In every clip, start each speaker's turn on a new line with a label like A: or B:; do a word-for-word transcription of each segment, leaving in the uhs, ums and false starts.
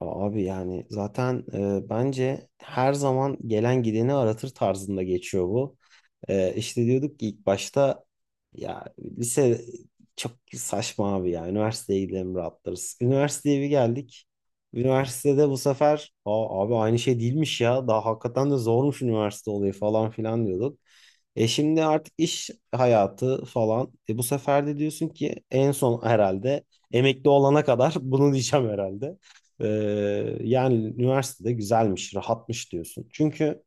A: Abi yani zaten e, bence her zaman gelen gideni aratır tarzında geçiyor bu. E, işte diyorduk ki ilk başta ya lise çok saçma abi ya üniversiteye gidelim rahatlarız. Üniversiteye bir geldik. Üniversitede bu sefer Aa, abi aynı şey değilmiş ya daha hakikaten de zormuş üniversite olayı falan filan diyorduk. E şimdi artık iş hayatı falan. E bu sefer de diyorsun ki en son herhalde emekli olana kadar bunu diyeceğim herhalde. Ee, Yani üniversitede güzelmiş, rahatmış diyorsun. Çünkü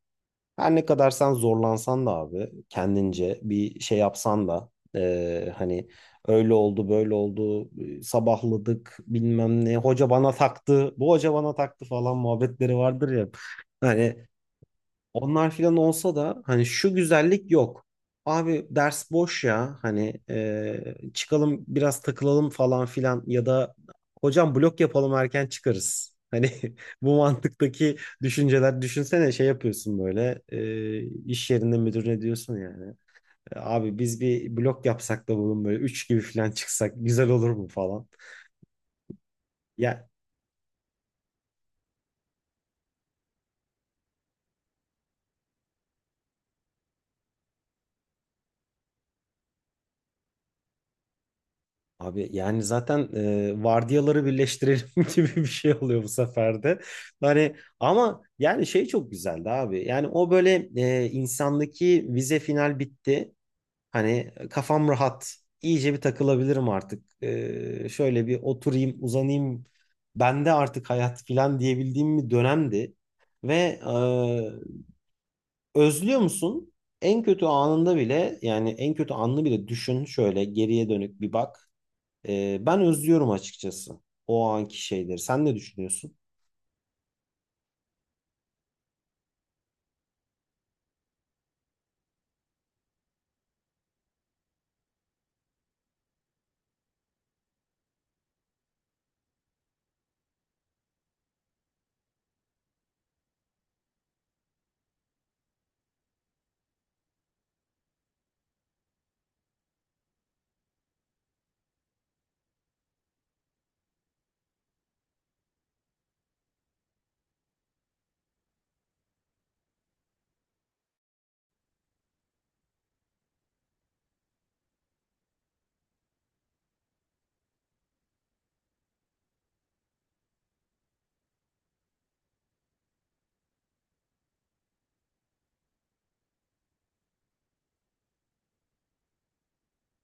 A: her ne kadar sen zorlansan da abi kendince bir şey yapsan da ee, hani öyle oldu böyle oldu e, sabahladık bilmem ne hoca bana taktı bu hoca bana taktı falan muhabbetleri vardır ya. Hani onlar filan olsa da hani şu güzellik yok. Abi ders boş ya hani e, çıkalım biraz takılalım falan filan ya da hocam blok yapalım erken çıkarız. Hani bu mantıktaki düşünceler düşünsene şey yapıyorsun böyle e, iş yerinde müdürüne diyorsun yani. "E, abi biz bir blok yapsak da bugün böyle üç gibi filan çıksak güzel olur mu falan. Ya abi yani zaten e, vardiyaları birleştirelim gibi bir şey oluyor bu sefer de. Hani ama yani şey çok güzeldi abi. Yani o böyle e, insandaki vize final bitti. Hani kafam rahat. İyice bir takılabilirim artık. E, şöyle bir oturayım, uzanayım. Bende artık hayat falan diyebildiğim bir dönemdi. Ve e, özlüyor musun? En kötü anında bile yani en kötü anını bile düşün şöyle geriye dönük bir bak. Ee, ben özlüyorum açıkçası o anki şeyleri. Sen ne düşünüyorsun?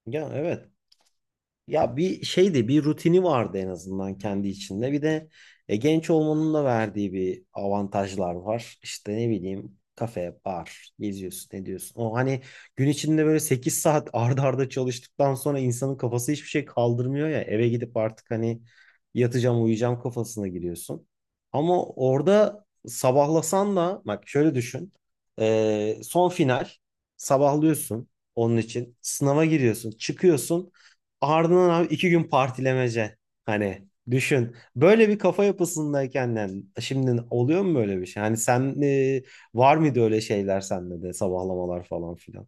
A: Ya evet. Ya bir şeydi, bir rutini vardı en azından kendi içinde. Bir de e, genç olmanın da verdiği bir avantajlar var. İşte ne bileyim kafe, bar, geziyorsun, ne diyorsun. O hani gün içinde böyle sekiz saat arda arda çalıştıktan sonra insanın kafası hiçbir şey kaldırmıyor ya. Eve gidip artık hani yatacağım, uyuyacağım kafasına giriyorsun. Ama orada sabahlasan da bak şöyle düşün. E, son final sabahlıyorsun onun için. Sınava giriyorsun, çıkıyorsun. Ardından abi iki gün partilemece. Hani düşün. Böyle bir kafa yapısındayken yani şimdi oluyor mu böyle bir şey? Hani sen e, var mıydı öyle şeyler sende de sabahlamalar falan filan?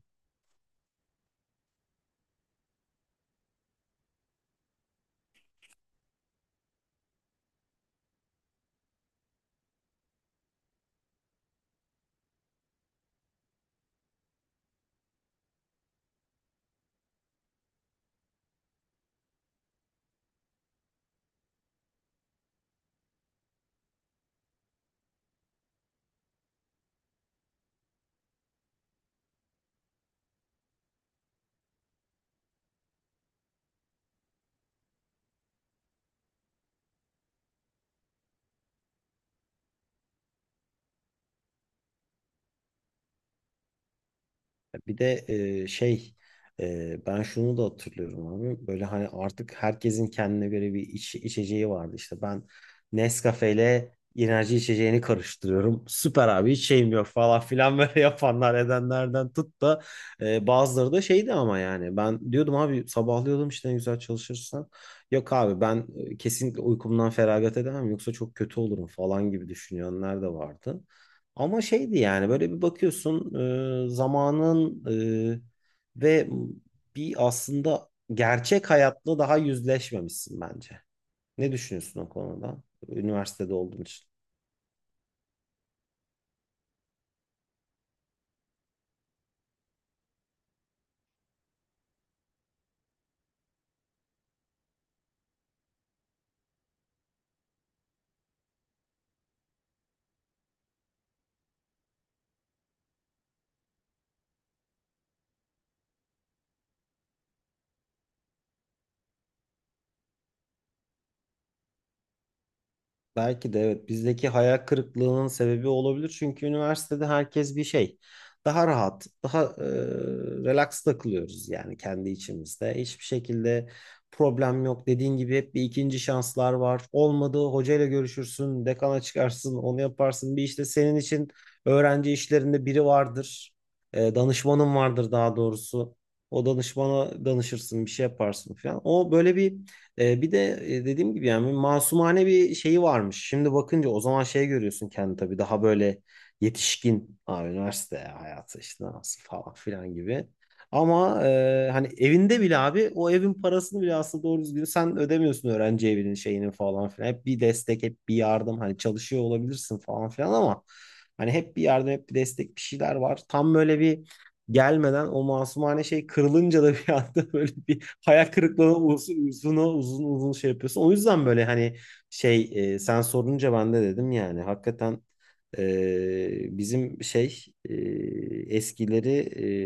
A: Bir de e, şey e, ben şunu da hatırlıyorum abi. Böyle hani artık herkesin kendine göre bir iç, içeceği vardı. İşte ben Nescafe ile enerji içeceğini karıştırıyorum. Süper abi hiç şeyim yok falan filan böyle yapanlar edenlerden tut da e, bazıları da şeydi ama yani ben diyordum abi sabahlıyordum işte ne güzel çalışırsan. Yok abi ben e, kesinlikle uykumdan feragat edemem yoksa çok kötü olurum falan gibi düşünenler de vardı. Ama şeydi yani böyle bir bakıyorsun e, zamanın e, ve bir aslında gerçek hayatla daha yüzleşmemişsin bence. Ne düşünüyorsun o konuda? Üniversitede olduğun için. Belki de evet bizdeki hayal kırıklığının sebebi olabilir. Çünkü üniversitede herkes bir şey. Daha rahat, daha e, relax takılıyoruz yani kendi içimizde. Hiçbir şekilde problem yok. Dediğin gibi hep bir ikinci şanslar var. Olmadı hocayla görüşürsün, dekana çıkarsın, onu yaparsın. Bir işte senin için öğrenci işlerinde biri vardır. E, danışmanın vardır daha doğrusu. O danışmana danışırsın, bir şey yaparsın falan. O böyle bir ee, bir de e, dediğim gibi yani masumane bir şeyi varmış. Şimdi bakınca o zaman şey görüyorsun kendi tabii daha böyle yetişkin abi üniversite hayatı işte nasıl falan filan gibi. Ama e, hani evinde bile abi o evin parasını bile aslında doğru düzgün sen ödemiyorsun öğrenci evinin şeyinin falan filan. Hep bir destek hep bir yardım hani çalışıyor olabilirsin falan filan ama hani hep bir yardım hep bir destek bir şeyler var. Tam böyle bir gelmeden o masumane şey kırılınca da bir anda böyle bir hayal kırıklığına uzun uzun uzun uzun şey yapıyorsun. O yüzden böyle hani şey e, sen sorunca ben de dedim yani hakikaten e, bizim şey e, eskileri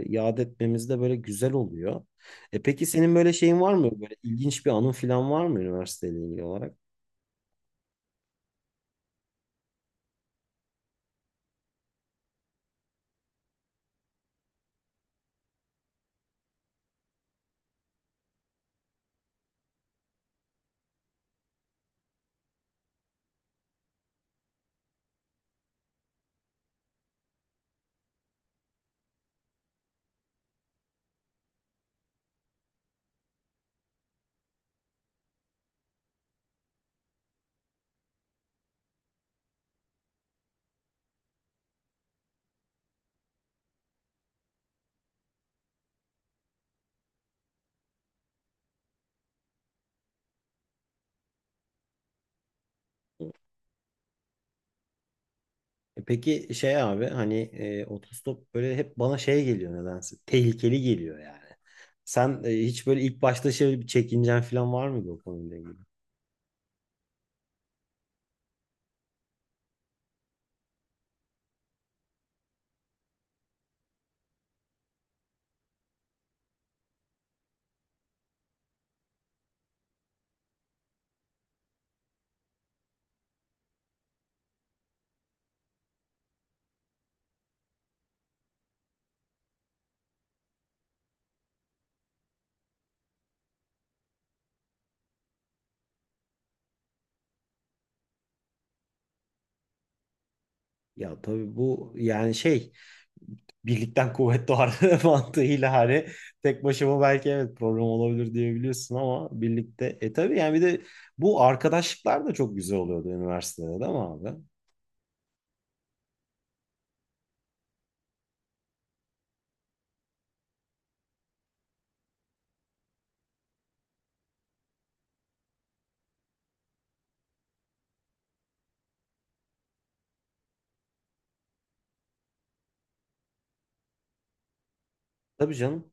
A: e, yad etmemiz de böyle güzel oluyor. E peki senin böyle şeyin var mı? Böyle ilginç bir anın falan var mı üniversiteyle ilgili olarak? E peki şey abi hani e, otostop böyle hep bana şey geliyor nedense. Tehlikeli geliyor yani. Sen e, hiç böyle ilk başta şey bir çekincen falan var mıydı o konuyla ilgili? Ya tabii bu yani şey birlikten kuvvet doğar mantığıyla hani tek başıma belki evet problem olabilir diyebiliyorsun ama birlikte e tabii yani bir de bu arkadaşlıklar da çok güzel oluyordu üniversitede değil mi abi? Tabii canım.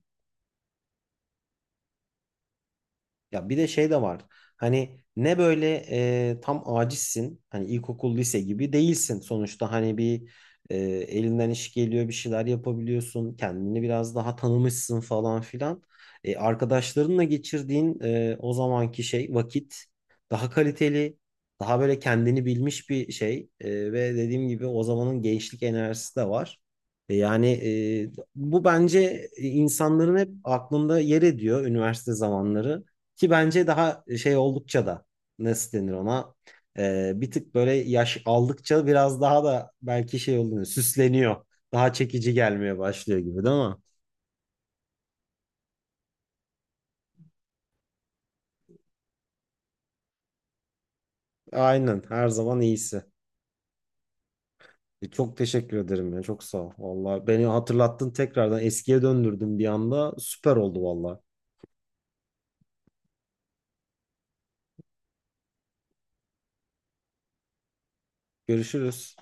A: Ya bir de şey de var. Hani ne böyle e, tam acizsin. Hani ilkokul, lise gibi değilsin. Sonuçta hani bir e, elinden iş geliyor, bir şeyler yapabiliyorsun. Kendini biraz daha tanımışsın falan filan. E, arkadaşlarınla geçirdiğin e, o zamanki şey vakit daha kaliteli, daha böyle kendini bilmiş bir şey. E, ve dediğim gibi o zamanın gençlik enerjisi de var. E, Yani e, bu bence insanların hep aklında yer ediyor üniversite zamanları. Ki bence daha e, şey oldukça da nasıl denir ona Ee, bir tık böyle yaş aldıkça biraz daha da belki şey oluyor süsleniyor. Daha çekici gelmeye başlıyor gibi değil mi? Aynen her zaman iyisi. E, çok teşekkür ederim ya çok sağ ol. Valla beni hatırlattın tekrardan eskiye döndürdün bir anda süper oldu valla. Görüşürüz.